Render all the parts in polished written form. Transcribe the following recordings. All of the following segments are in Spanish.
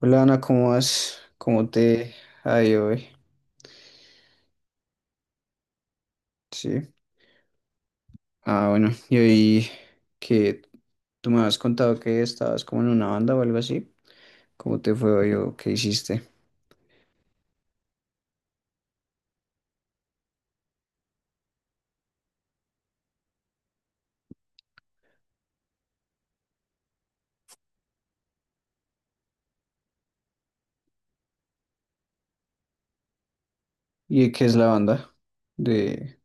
Hola Ana, ¿cómo vas? ¿Cómo te ha ido hoy? Sí. Ah, bueno, y hoy que tú me habías contado que estabas como en una banda o algo así. ¿Cómo te fue hoy o qué hiciste? ¿Y de qué es la banda? De...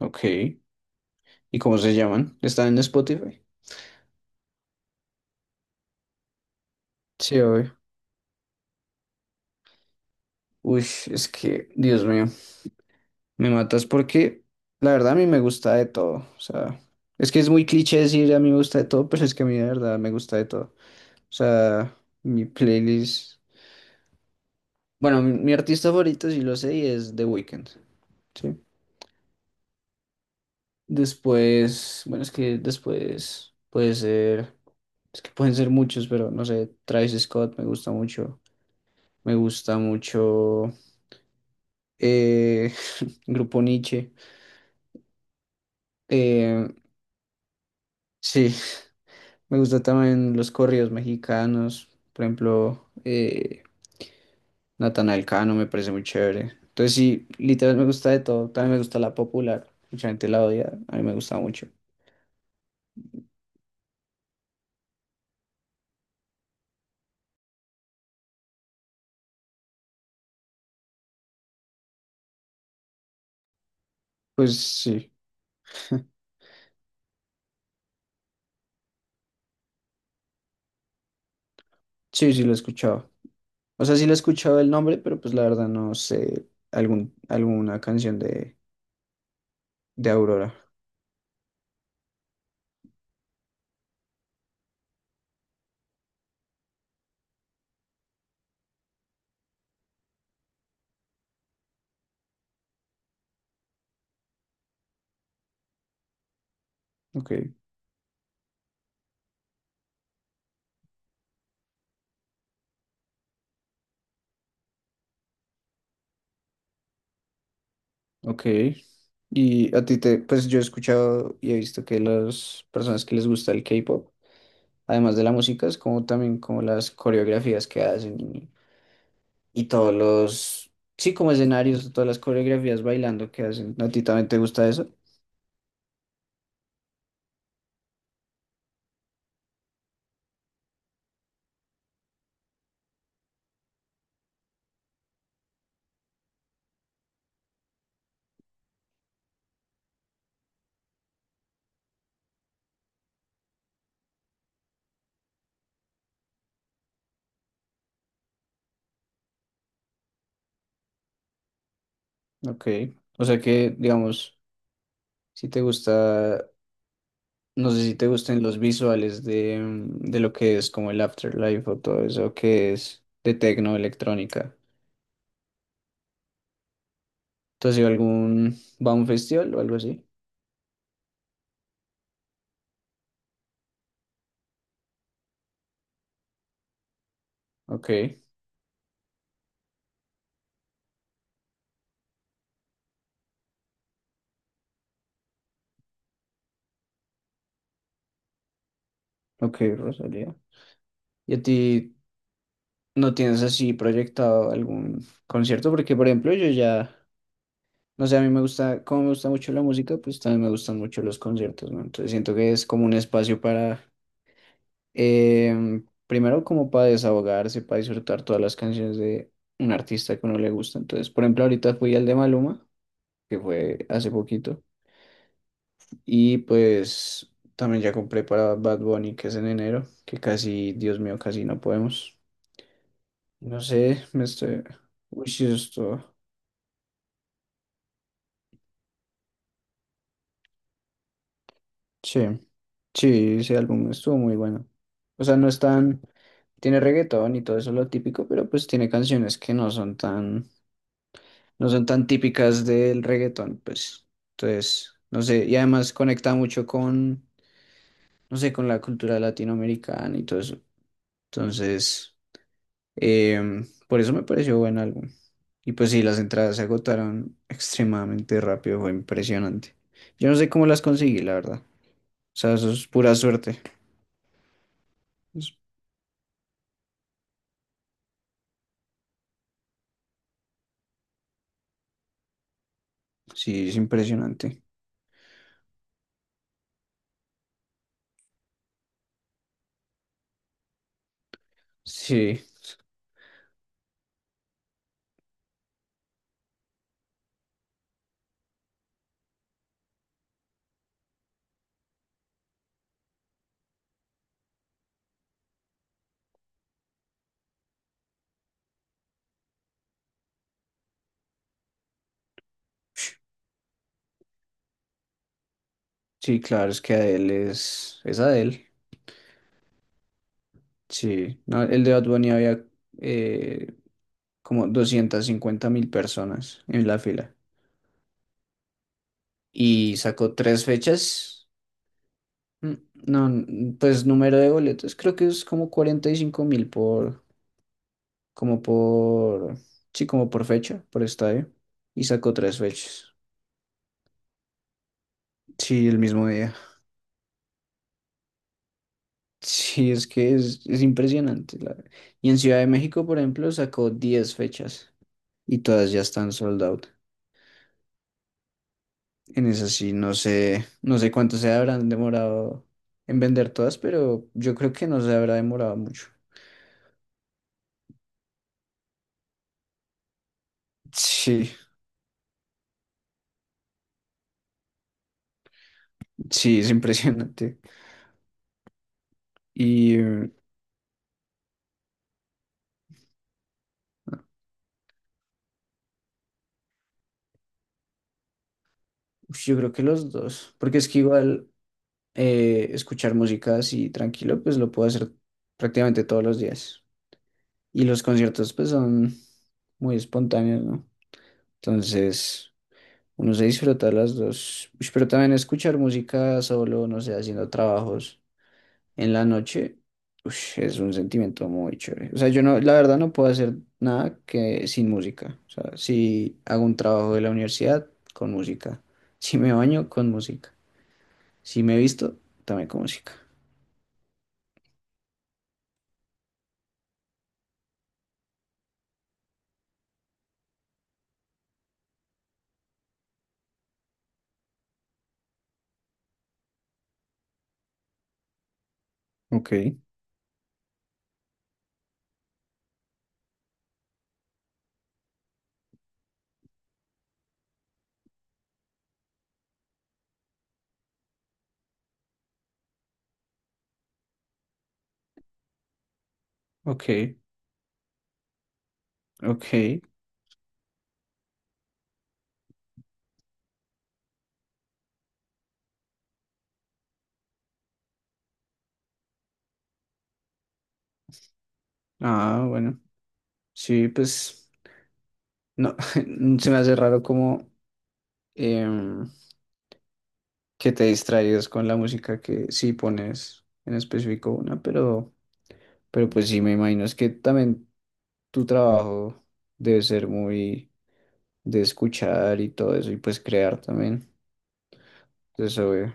Ok. ¿Y cómo se llaman? ¿Están en Spotify? Sí, hoy. Uy, es que, Dios mío, me matas porque la verdad a mí me gusta de todo. O sea, es que es muy cliché decir a mí me gusta de todo, pero es que a mí de verdad me gusta de todo. O sea, mi playlist. Bueno, mi artista favorito, sí lo sé, y es The Weeknd. Sí. Después, bueno, es que después puede ser. Es que pueden ser muchos, pero no sé. Travis Scott me gusta mucho. Me gusta mucho. eh, Grupo Niche. Eh, sí, me gusta también los corridos mexicanos. Por ejemplo, Natanael Cano me parece muy chévere. Entonces sí, literal me gusta de todo. También me gusta la popular. Mucha gente la odia. A mí me gusta mucho. Pues sí, sí, sí lo he escuchado. O sea, sí lo he escuchado el nombre, pero pues la verdad no sé algún, alguna canción de Aurora. Ok, ok. Y a ti te, pues yo he escuchado y he visto que las personas que les gusta el K-pop, además de la música, es como también como las coreografías que hacen y todos los, sí, como escenarios, todas las coreografías bailando que hacen. ¿A ti también te gusta eso? Ok. O sea que, digamos, si te gusta, no sé si te gusten los visuales de, de lo que es como el Afterlife o todo eso que es de tecno, electrónica. ¿Tú has ido a algún, va a un festival o algo así? Ok, ok, Rosalía. ¿Y a ti no tienes así proyectado algún concierto? Porque, por ejemplo, yo ya... No sé, a mí me gusta, como me gusta mucho la música, pues también me gustan mucho los conciertos, ¿no? Entonces siento que es como un espacio para, primero como para desahogarse, para disfrutar todas las canciones de un artista que a uno le gusta. Entonces, por ejemplo, ahorita fui al de Maluma, que fue hace poquito, y pues también ya compré para Bad Bunny, que es en enero, que casi, Dios mío, casi no podemos. No sé, me estoy... Uy, sí, Sí. Sí, ese álbum estuvo muy bueno. O sea, no es tan, tiene reggaetón y todo eso lo típico, pero pues tiene canciones que no son tan, no son tan típicas del reggaetón, pues. Entonces, no sé, y además conecta mucho con, no sé, con la cultura latinoamericana y todo eso. Entonces, por eso me pareció buen álbum. Y pues sí, las entradas se agotaron extremadamente rápido, fue impresionante. Yo no sé cómo las conseguí, la verdad. O sea, eso es pura suerte. Es- Sí, es impresionante. Sí, sí, claro, es que Adele es Adele. Sí, no, el de Bad Bunny había eh, como 250.000 personas en la fila y sacó tres fechas. Mm, No, pues número de boletos creo que es como 45.000 por, como por, sí, como por fecha, por estadio y sacó tres fechas. Sí, el mismo día. Sí, es que es impresionante. Y en Ciudad de México, por ejemplo, sacó 10 fechas. Y todas ya están sold out. En esas sí, no sé, no sé cuánto se habrán demorado en vender todas, pero yo creo que no se habrá demorado mucho. Sí, sí, es impresionante. Y uf, yo creo que los dos, porque es que igual escuchar música así tranquilo, pues lo puedo hacer prácticamente todos los días. Y los conciertos pues son muy espontáneos, ¿no? Entonces, uno se disfruta las dos. Ush, pero también escuchar música solo, no sé, haciendo trabajos en la noche, ush, es un sentimiento muy chévere. O sea, yo no, la verdad no puedo hacer nada que sin música. O sea, si hago un trabajo de la universidad, con música. Si me baño, con música. Si me visto, también con música. Ok, ok, ok. Ah, bueno. Sí, pues no, se me hace raro como em, que te distraigas con la música que sí pones en específico una, pero pues sí me imagino es que también tu trabajo debe ser muy de escuchar y todo eso, y pues crear también. Entonces, obvio,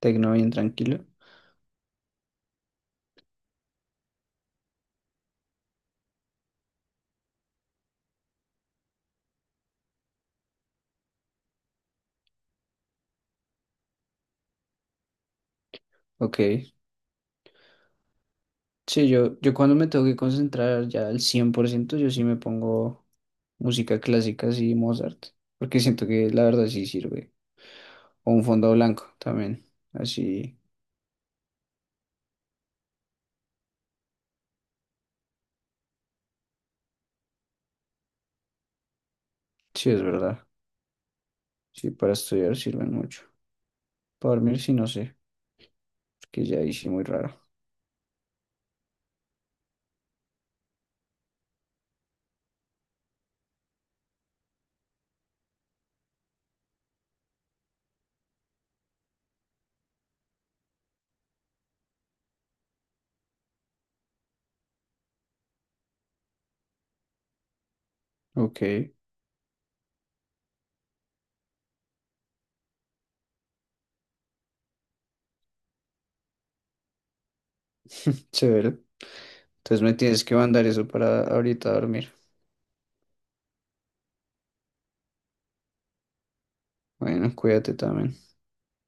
tecno bien tranquilo. Ok. Sí, yo cuando me tengo que concentrar ya al 100% yo sí me pongo música clásica, así Mozart, porque siento que la verdad sí sirve. O un fondo blanco también, así, sí es verdad. Sí, para estudiar sirven mucho. Para dormir sí no sé, porque ya hice muy raro. Ok, severo. Entonces me tienes que mandar eso para ahorita dormir. Bueno, cuídate también.